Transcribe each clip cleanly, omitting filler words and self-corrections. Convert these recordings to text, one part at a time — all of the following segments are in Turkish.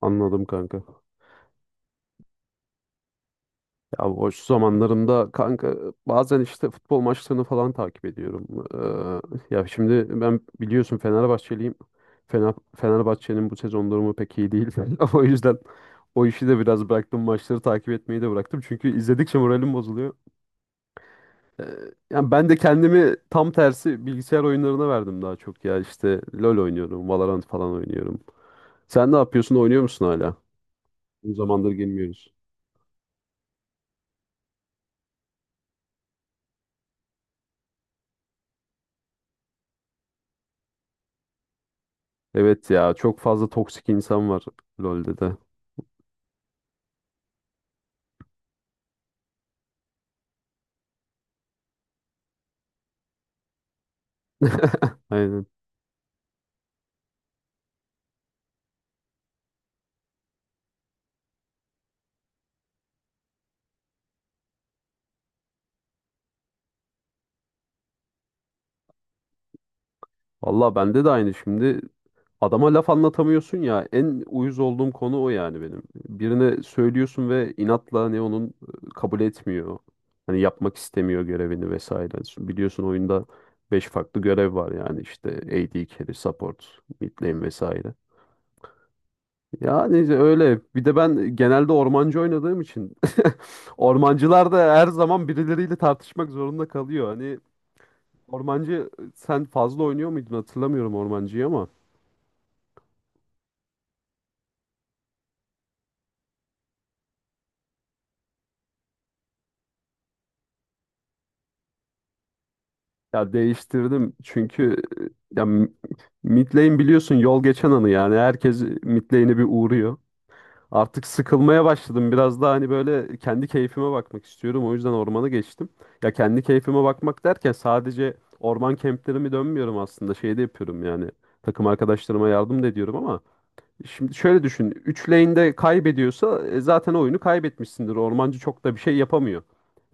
Anladım kanka. Ya boş zamanlarımda kanka bazen işte futbol maçlarını falan takip ediyorum. Ya şimdi ben biliyorsun Fenerbahçeliyim. Fenerbahçe'nin bu sezon durumu pek iyi değil. O yüzden o işi de biraz bıraktım. Maçları takip etmeyi de bıraktım. Çünkü izledikçe moralim bozuluyor. Ee, yani ben de kendimi tam tersi bilgisayar oyunlarına verdim daha çok ya. İşte LoL oynuyorum, Valorant falan oynuyorum. Sen ne yapıyorsun? Oynuyor musun hala? Uzun zamandır gelmiyoruz. Evet ya çok fazla toksik insan var LoL'de de. Aynen. Valla bende de aynı şimdi. Adama laf anlatamıyorsun ya. En uyuz olduğum konu o yani benim. Birine söylüyorsun ve inatla ne onun kabul etmiyor. Hani yapmak istemiyor görevini vesaire. Şimdi biliyorsun oyunda 5 farklı görev var yani işte AD carry, support, mid lane vesaire. Ya neyse öyle. Bir de ben genelde ormancı oynadığım için ormancılar da her zaman birileriyle tartışmak zorunda kalıyor. Hani ormancı sen fazla oynuyor muydun hatırlamıyorum ormancıyı ama ya değiştirdim çünkü ya mid lane biliyorsun yol geçen anı, yani herkes mid lane'e bir uğruyor. Artık sıkılmaya başladım. Biraz daha hani böyle kendi keyfime bakmak istiyorum. O yüzden ormana geçtim. Ya kendi keyfime bakmak derken sadece orman kemplerimi dönmüyorum aslında. Şey de yapıyorum yani. Takım arkadaşlarıma yardım da ediyorum ama şimdi şöyle düşün. 3 lane'de kaybediyorsa zaten oyunu kaybetmişsindir. Ormancı çok da bir şey yapamıyor.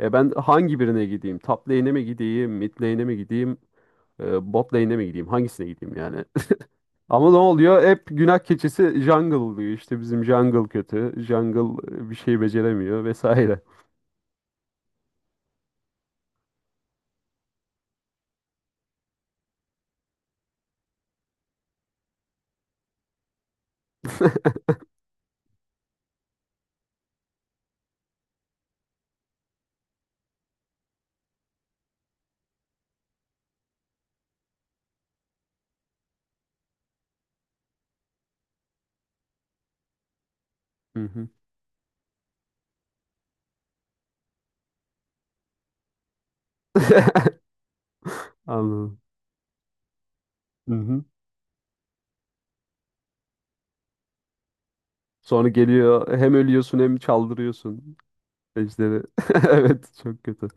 E ben hangi birine gideyim? Top lane'e mi gideyim? Mid lane'e mi gideyim? Bot lane'e mi gideyim? Hangisine gideyim yani? Ama ne oluyor? Hep günah keçisi jungle oluyor. İşte bizim jungle kötü. Jungle bir şey beceremiyor vesaire. Hı hı. Anladım. Hı hı. Sonra geliyor hem ölüyorsun hem çaldırıyorsun ejderi. Evet çok kötü.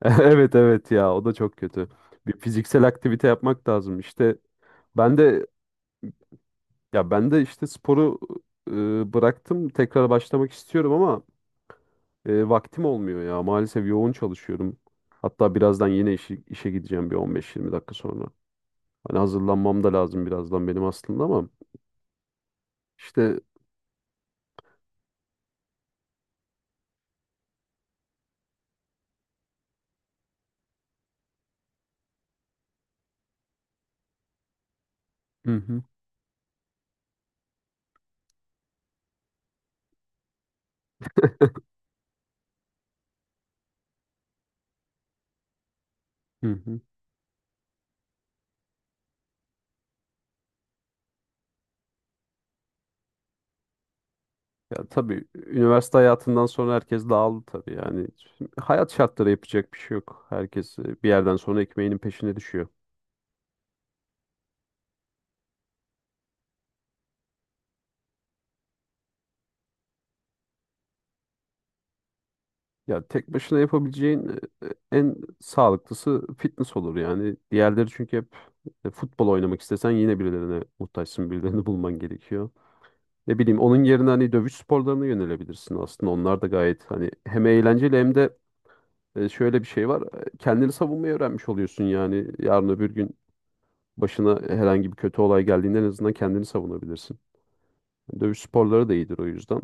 Evet evet ya o da çok kötü. Bir fiziksel aktivite yapmak lazım. İşte ben de ya ben de işte sporu bıraktım. Tekrar başlamak istiyorum ama E, vaktim olmuyor ya. Maalesef yoğun çalışıyorum. Hatta birazdan yine işe gideceğim bir 15-20 dakika sonra. Hani hazırlanmam da lazım birazdan benim aslında ama işte. Hı hı, hı hı. Ya tabii üniversite hayatından sonra herkes dağıldı tabii yani. Hayat şartları, yapacak bir şey yok. Herkes bir yerden sonra ekmeğinin peşine düşüyor. Ya tek başına yapabileceğin en sağlıklısı fitness olur yani. Diğerleri çünkü hep futbol oynamak istesen yine birilerine muhtaçsın, birilerini bulman gerekiyor. Ne bileyim, onun yerine hani dövüş sporlarına yönelebilirsin aslında. Onlar da gayet hani hem eğlenceli hem de şöyle bir şey var. Kendini savunmayı öğrenmiş oluyorsun yani. Yarın öbür gün başına herhangi bir kötü olay geldiğinde en azından kendini savunabilirsin. Dövüş sporları da iyidir o yüzden.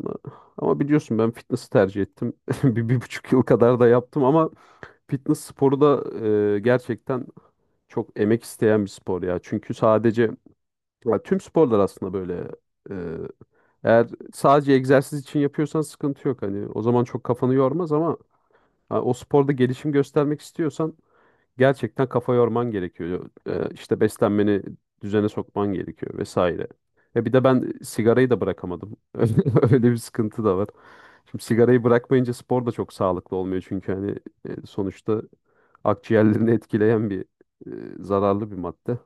Ama biliyorsun ben fitness'ı tercih ettim. Bir, 1,5 yıl kadar da yaptım ama fitness sporu da gerçekten çok emek isteyen bir spor ya. Çünkü sadece ya tüm sporlar aslında böyle. E, Eğer sadece egzersiz için yapıyorsan sıkıntı yok. Hani o zaman çok kafanı yormaz ama ha, o sporda gelişim göstermek istiyorsan gerçekten kafa yorman gerekiyor. İşte beslenmeni düzene sokman gerekiyor vesaire. Bir de ben sigarayı da bırakamadım. Öyle bir sıkıntı da var. Şimdi sigarayı bırakmayınca spor da çok sağlıklı olmuyor, çünkü hani sonuçta akciğerlerini etkileyen bir zararlı bir madde.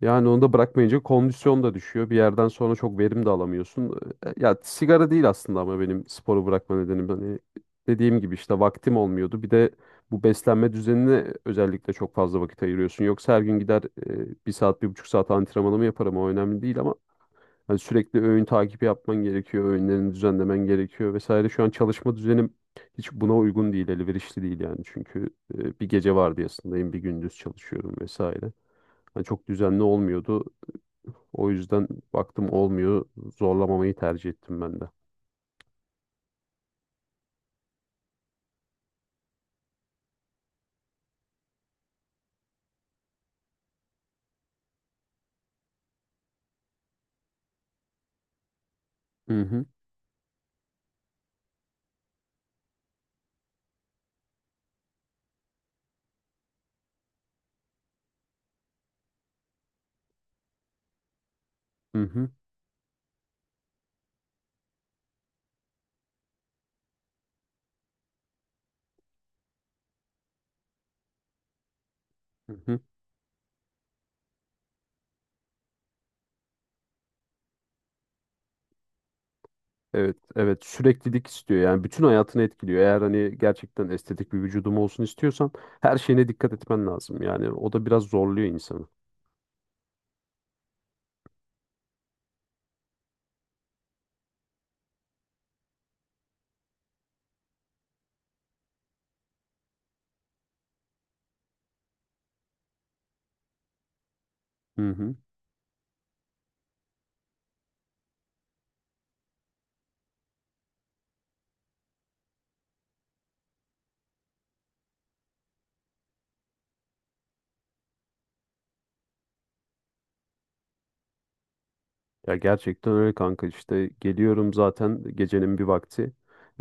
Yani onu da bırakmayınca kondisyon da düşüyor. Bir yerden sonra çok verim de alamıyorsun. Ya sigara değil aslında ama benim sporu bırakma nedenim, hani dediğim gibi, işte vaktim olmuyordu. Bir de bu beslenme düzenine özellikle çok fazla vakit ayırıyorsun. Yoksa her gün gider bir saat, 1,5 saat antrenmanımı yaparım. O önemli değil ama hani sürekli öğün takibi yapman gerekiyor, öğünlerini düzenlemen gerekiyor vesaire. Şu an çalışma düzenim hiç buna uygun değil, elverişli değil yani. Çünkü bir gece vardiyasındayım, bir gündüz çalışıyorum vesaire. Hani çok düzenli olmuyordu. O yüzden baktım olmuyor, zorlamamayı tercih ettim ben de. Hı hı, hı hı, hı hı. Evet, evet, süreklilik istiyor yani, bütün hayatını etkiliyor. Eğer hani gerçekten estetik bir vücudum olsun istiyorsan her şeyine dikkat etmen lazım. Yani o da biraz zorluyor insanı. Hı hı. Ya gerçekten öyle kanka, işte geliyorum zaten gecenin bir vakti.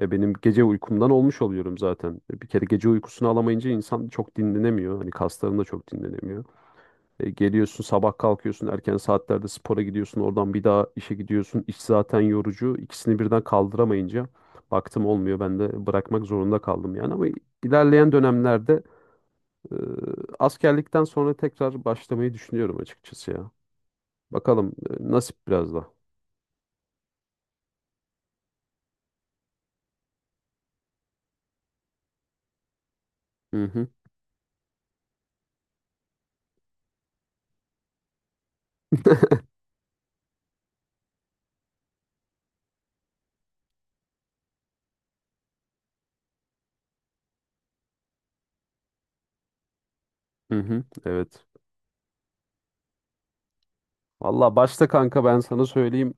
Benim gece uykumdan olmuş oluyorum zaten. E bir kere gece uykusunu alamayınca insan çok dinlenemiyor. Hani kasların da çok dinlenemiyor. Geliyorsun sabah, kalkıyorsun erken saatlerde spora gidiyorsun. Oradan bir daha işe gidiyorsun. İş zaten yorucu. İkisini birden kaldıramayınca baktım olmuyor. Ben de bırakmak zorunda kaldım yani. Ama ilerleyen dönemlerde e, askerlikten sonra tekrar başlamayı düşünüyorum açıkçası ya. Bakalım nasip biraz da. Hı hı. Hı hı, evet. Valla başta kanka ben sana söyleyeyim.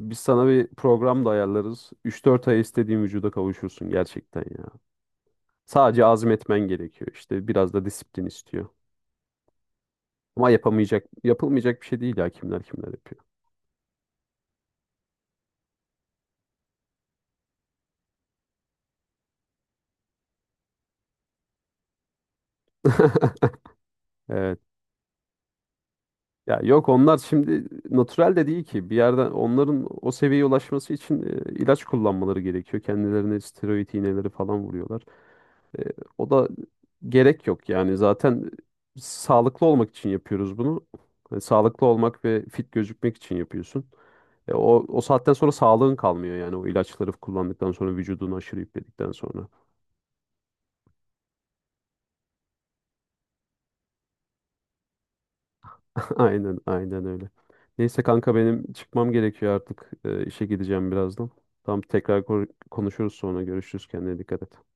Biz sana bir program da ayarlarız. 3-4 ay istediğin vücuda kavuşursun gerçekten ya. Sadece azmetmen gerekiyor. İşte biraz da disiplin istiyor. Ama yapamayacak, yapılmayacak bir şey değil ya, kimler kimler yapıyor. Evet. Ya yok, onlar şimdi natürel de değil ki. Bir yerden onların o seviyeye ulaşması için ilaç kullanmaları gerekiyor. Kendilerine steroid iğneleri falan vuruyorlar. E, o, da gerek yok yani, zaten sağlıklı olmak için yapıyoruz bunu. Hani sağlıklı olmak ve fit gözükmek için yapıyorsun. E, o, o saatten sonra sağlığın kalmıyor yani, o ilaçları kullandıktan sonra, vücudunu aşırı yükledikten sonra. Aynen aynen öyle. Neyse kanka, benim çıkmam gerekiyor artık. İşe gideceğim birazdan. Tamam, tekrar konuşuruz sonra, görüşürüz, kendine dikkat et.